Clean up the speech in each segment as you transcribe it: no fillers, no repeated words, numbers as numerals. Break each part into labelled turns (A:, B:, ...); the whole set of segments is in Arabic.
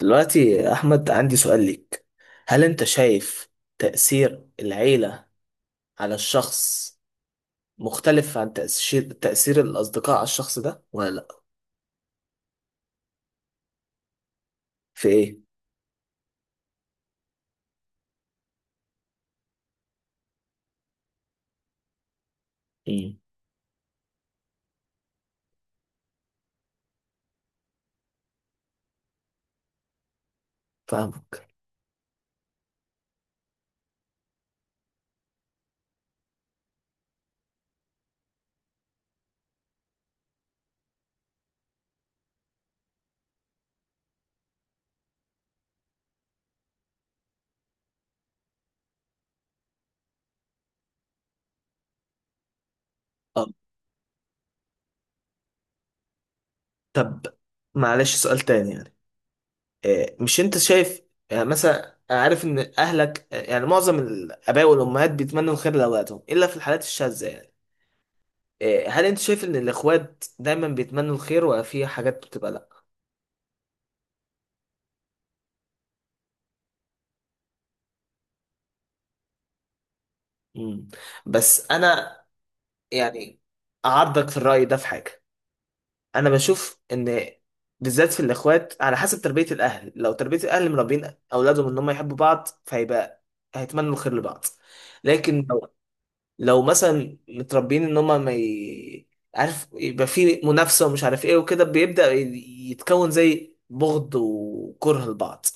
A: دلوقتي يا أحمد عندي سؤال ليك. هل أنت شايف تأثير العيلة على الشخص مختلف عن تأثير الأصدقاء على الشخص ده ولا لأ؟ في إيه؟ امم فاهمك. أه، طب معلش سؤال تاني يعني، إيه، مش أنت شايف، يعني مثلا أنا عارف إن أهلك، يعني معظم الآباء والأمهات بيتمنوا الخير لأولادهم إلا في الحالات الشاذة يعني. إيه، هل أنت شايف إن الإخوات دايما بيتمنوا الخير ولا في حاجات بتبقى لأ؟ امم بس أنا يعني أعارضك في الرأي ده في حاجة. أنا بشوف إن، بالذات في الإخوات، على حسب تربية الأهل. لو تربية الأهل مربين أولادهم إن هم يحبوا بعض فهيبقى هيتمنوا الخير لبعض. لكن لو مثلا متربيين إن هم ما ي... عارف، يبقى في منافسة ومش عارف إيه وكده، بيبدأ يتكون زي بغض وكره لبعض.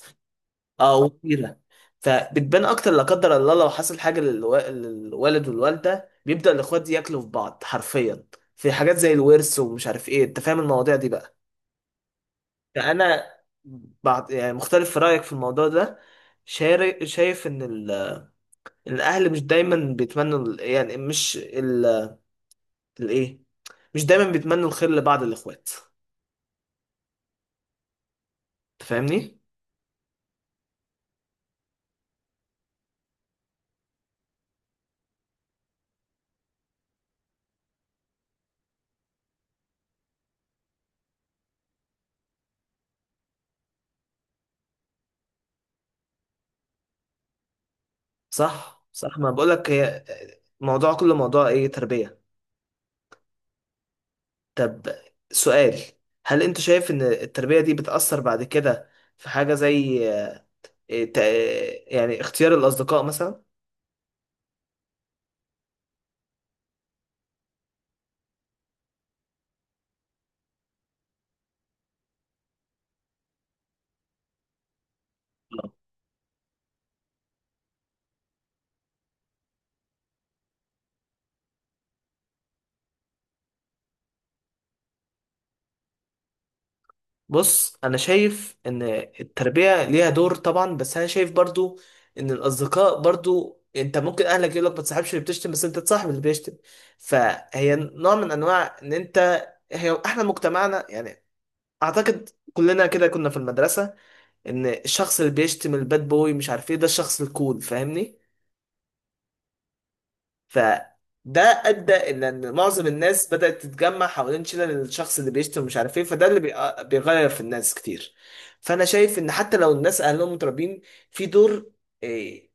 A: اه، وكبيره. فبتبان اكتر لا قدر الله لو حصل حاجه للوالد والوالده، بيبدا الاخوات ياكلوا في بعض حرفيا، في حاجات زي الورث ومش عارف ايه. انت فاهم المواضيع دي بقى؟ فانا، بعد يعني، مختلف في رايك في الموضوع ده. شايف ان الاهل مش دايما بيتمنوا يعني مش ال- الايه مش دايما بيتمنوا الخير لبعض الاخوات. انت فاهمني؟ صح، صح، ما بقولك، هي موضوع، كل موضوع ايه، تربيه. طب سؤال، هل انت شايف ان التربية دي بتأثر بعد كده في حاجة زي، يعني اختيار الأصدقاء مثلا؟ بص، انا شايف ان التربية ليها دور طبعا، بس انا شايف برضو ان الأصدقاء برضو، انت ممكن اهلك يقولك ما تصاحبش اللي بتشتم، بس انت تصاحب اللي بيشتم. فهي نوع من انواع ان انت، هي احنا مجتمعنا يعني، اعتقد كلنا كده كنا في المدرسة، ان الشخص اللي بيشتم الباد بوي مش عارف ايه، ده الشخص الكول، فاهمني. فده ادى الى ان معظم الناس بدات تتجمع حوالين شلل الشخص اللي بيشتم ومش عارف ايه، فده اللي بيغير في الناس كتير. فانا شايف ان حتى لو الناس اهلهم متربين، في دور، إيه،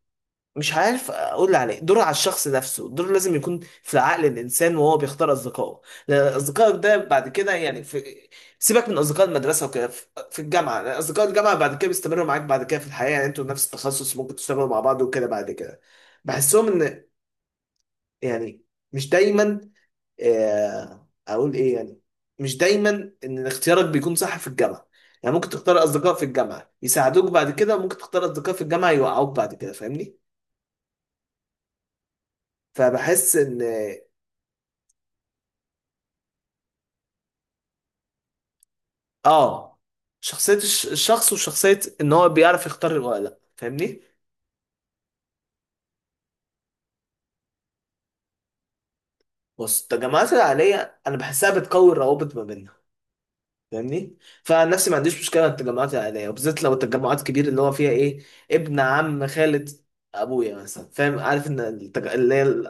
A: مش عارف اقول عليه، دور على الشخص نفسه، دور لازم يكون في عقل الانسان وهو بيختار اصدقائه. لان اصدقائك ده بعد كده يعني، في، سيبك من اصدقاء المدرسه وكده، في الجامعه، لأن اصدقاء الجامعه بعد كده بيستمروا معاك بعد كده في الحياه، يعني انتوا نفس التخصص ممكن تشتغلوا مع بعض وكده بعد كده. بحسهم ان يعني مش دايما، اقول ايه يعني، مش دايما ان اختيارك بيكون صح في الجامعه. يعني ممكن تختار اصدقاء في الجامعه يساعدوك بعد كده، ممكن تختار اصدقاء في الجامعه يوقعوك بعد كده، فاهمني. فبحس ان، اه، شخصيه الشخص وشخصيه ان هو بيعرف يختار ولا لا، فاهمني. بص التجمعات العائليه انا بحسها بتقوي الروابط ما بيننا، فاهمني. فنفسي ما عنديش مشكله مع التجمعات العائليه، وبالذات لو التجمعات كبيره، اللي هو فيها ايه، ابن عم خالة ابويا مثلا. فاهم، عارف ان اللي هي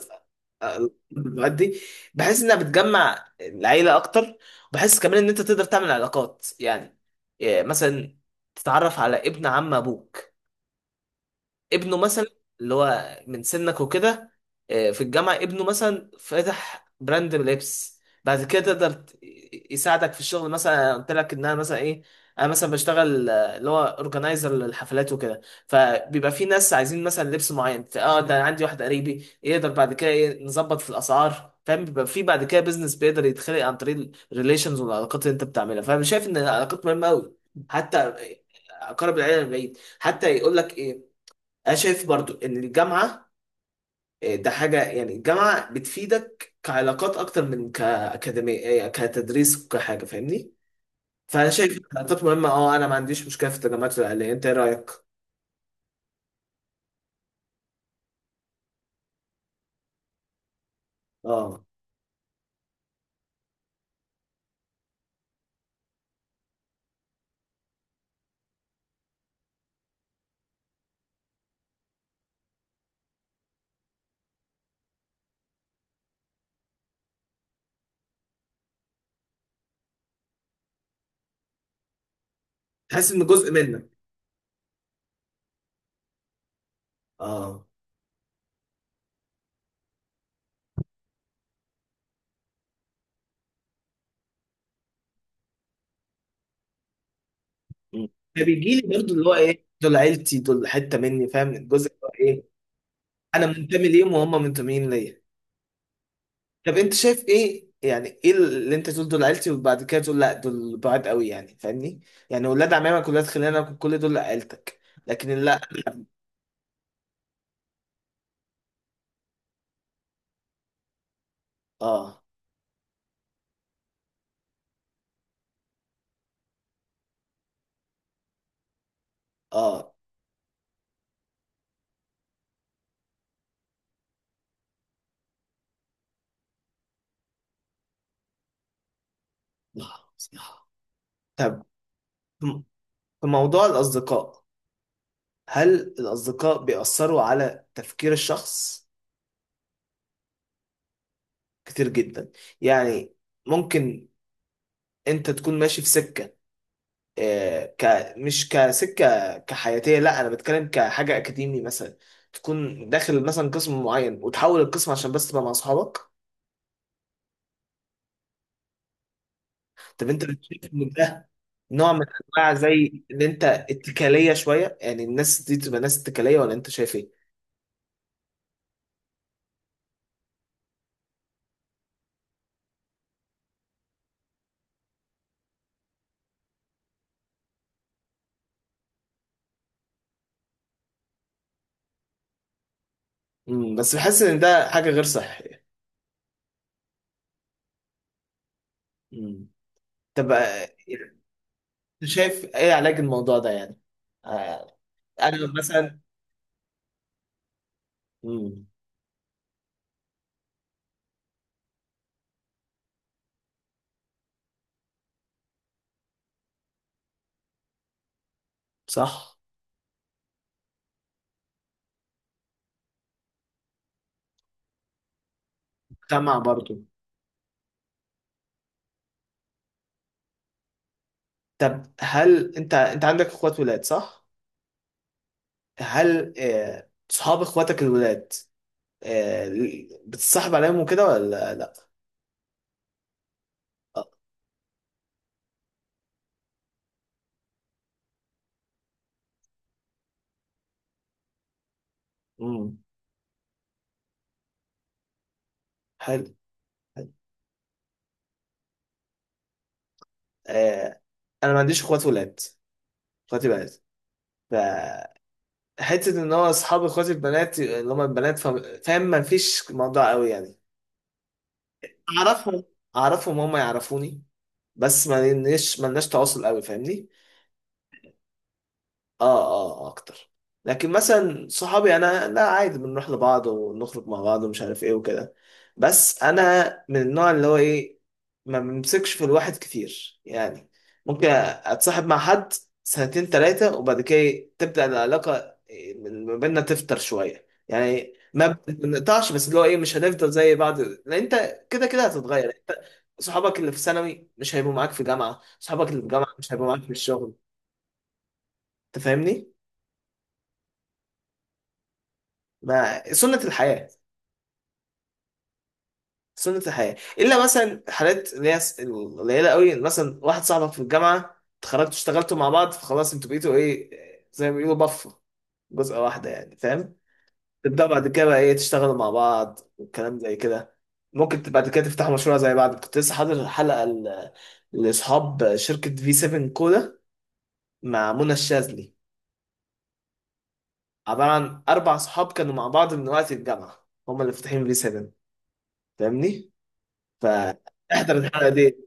A: المجموعات دي بحس انها بتجمع العيله اكتر، وبحس كمان ان انت تقدر تعمل علاقات، يعني، إيه، مثلا تتعرف على ابن عم ابوك، ابنه مثلا اللي هو من سنك وكده، في الجامعة، ابنه مثلا فاتح براند لبس بعد كده تقدر يساعدك في الشغل مثلا. أنا قلت لك ان انا مثلا ايه، انا مثلا بشتغل اللي هو اورجنايزر للحفلات وكده. فبيبقى في ناس عايزين مثلا لبس معين، اه، ده أنا عندي واحد قريبي يقدر بعد كده إيه نظبط في الاسعار، فاهم. بيبقى في بعد كده بيزنس بيقدر يتخلق عن طريق الريليشنز والعلاقات اللي انت بتعملها. فانا شايف ان العلاقات مهمه قوي، حتى اقرب العيله من بعيد حتى يقول لك إيه. انا شايف برضو ان الجامعه، ده حاجه، يعني الجامعه بتفيدك كعلاقات اكتر من كاكاديميه، كتدريس وكحاجه، فاهمني. فانا شايف إن العلاقات مهمه، اه، انا ما عنديش مشكله في التجمعات العائليه. انت ايه رايك؟ اه، حاسس ان جزء منك، اه، مم. فبيجي لي برضو اللي هو ايه، دول عيلتي، دول حته مني، فاهم. الجزء اللي هو ايه، انا منتمي ليهم وهم منتميين ليا. طب انت شايف ايه يعني؟ ايه اللي انت تقول دول عيلتي وبعد كده تقول لا دول بعاد قوي يعني؟ فاهمني، يعني ولاد عمامك ولاد خلانك كل دول عيلتك، لكن لا. اه، اه، لا. طب في موضوع الأصدقاء، هل الأصدقاء بيأثروا على تفكير الشخص؟ كتير جدا. يعني ممكن أنت تكون ماشي في سكة، آه، ك مش كسكه كحياتيه، لا انا بتكلم كحاجه اكاديمي مثلا، تكون داخل مثلا قسم معين وتحول القسم عشان بس تبقى مع اصحابك. طب انت بتشوف ان ده نوع من انواع زي ان انت اتكاليه شويه، يعني الناس دي تبقى ناس اتكاليه، ولا انت شايف ايه؟ مم. بس بحس ان ده حاجه غير صحيه. مم. طب، انت شايف ايه علاج الموضوع ده يعني؟ آه، انا مثلا، مم. صح؟ جامعه برضو. طب هل انت، انت عندك اخوات ولاد صح؟ هل صحاب اخواتك الولاد، آه، بتصاحب عليهم وكده ولا لا؟ آه، امم. حلو، حلو. آه، انا ما عنديش اخوات ولاد، اخواتي بنات. فحته ان هو اصحاب اخواتي البنات، اللي هم البنات، فاهم، ما فيش موضوع قوي يعني. اعرفهم، اعرفهم، هم يعرفوني، بس ما لناش تواصل قوي، فاهمني. اه، اه، اكتر. لكن مثلا صحابي انا لا عادي بنروح لبعض ونخرج مع بعض ومش عارف ايه وكده. بس انا من النوع اللي هو ايه، ما بمسكش في الواحد كتير يعني. ممكن اتصاحب مع حد 2 3 وبعد كده إيه، تبدأ العلاقة ما بيننا تفتر شوية. يعني ما بنقطعش، بس اللي هو ايه، مش هنفضل زي بعض، لان انت كده كده هتتغير انت. صحابك اللي في ثانوي مش هيبقوا معاك في جامعة، صحابك اللي في جامعة مش هيبقوا معاك في الشغل. انت فاهمني؟ ما سنة الحياة، سنة الحياة، إلا مثلا حالات اللي هي القليلة قوي، مثلا واحد صاحبك في الجامعة اتخرجتوا اشتغلتوا مع بعض، فخلاص انتوا بقيتوا ايه، زي ما بيقولوا بفة، جزءة واحدة يعني، فاهم. تبدأوا بعد كده بقى ايه تشتغلوا مع بعد والكلام زي كده. ممكن بعد كده تفتحوا مشروع زي بعض. كنت لسه حاضر حلقة لأصحاب شركة في 7 كولا مع منى الشاذلي. عبارة عن 4 صحاب كانوا مع بعض من وقت الجامعة، هما اللي فاتحين في 7، فاهمني؟ فاحضر الحلقه دي.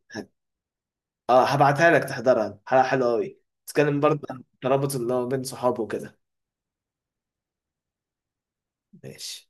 A: اه، هبعتها لك تحضرها، حلقه حلوه قوي، تتكلم برضه عن الترابط اللي هو بين صحابه وكده. ماشي.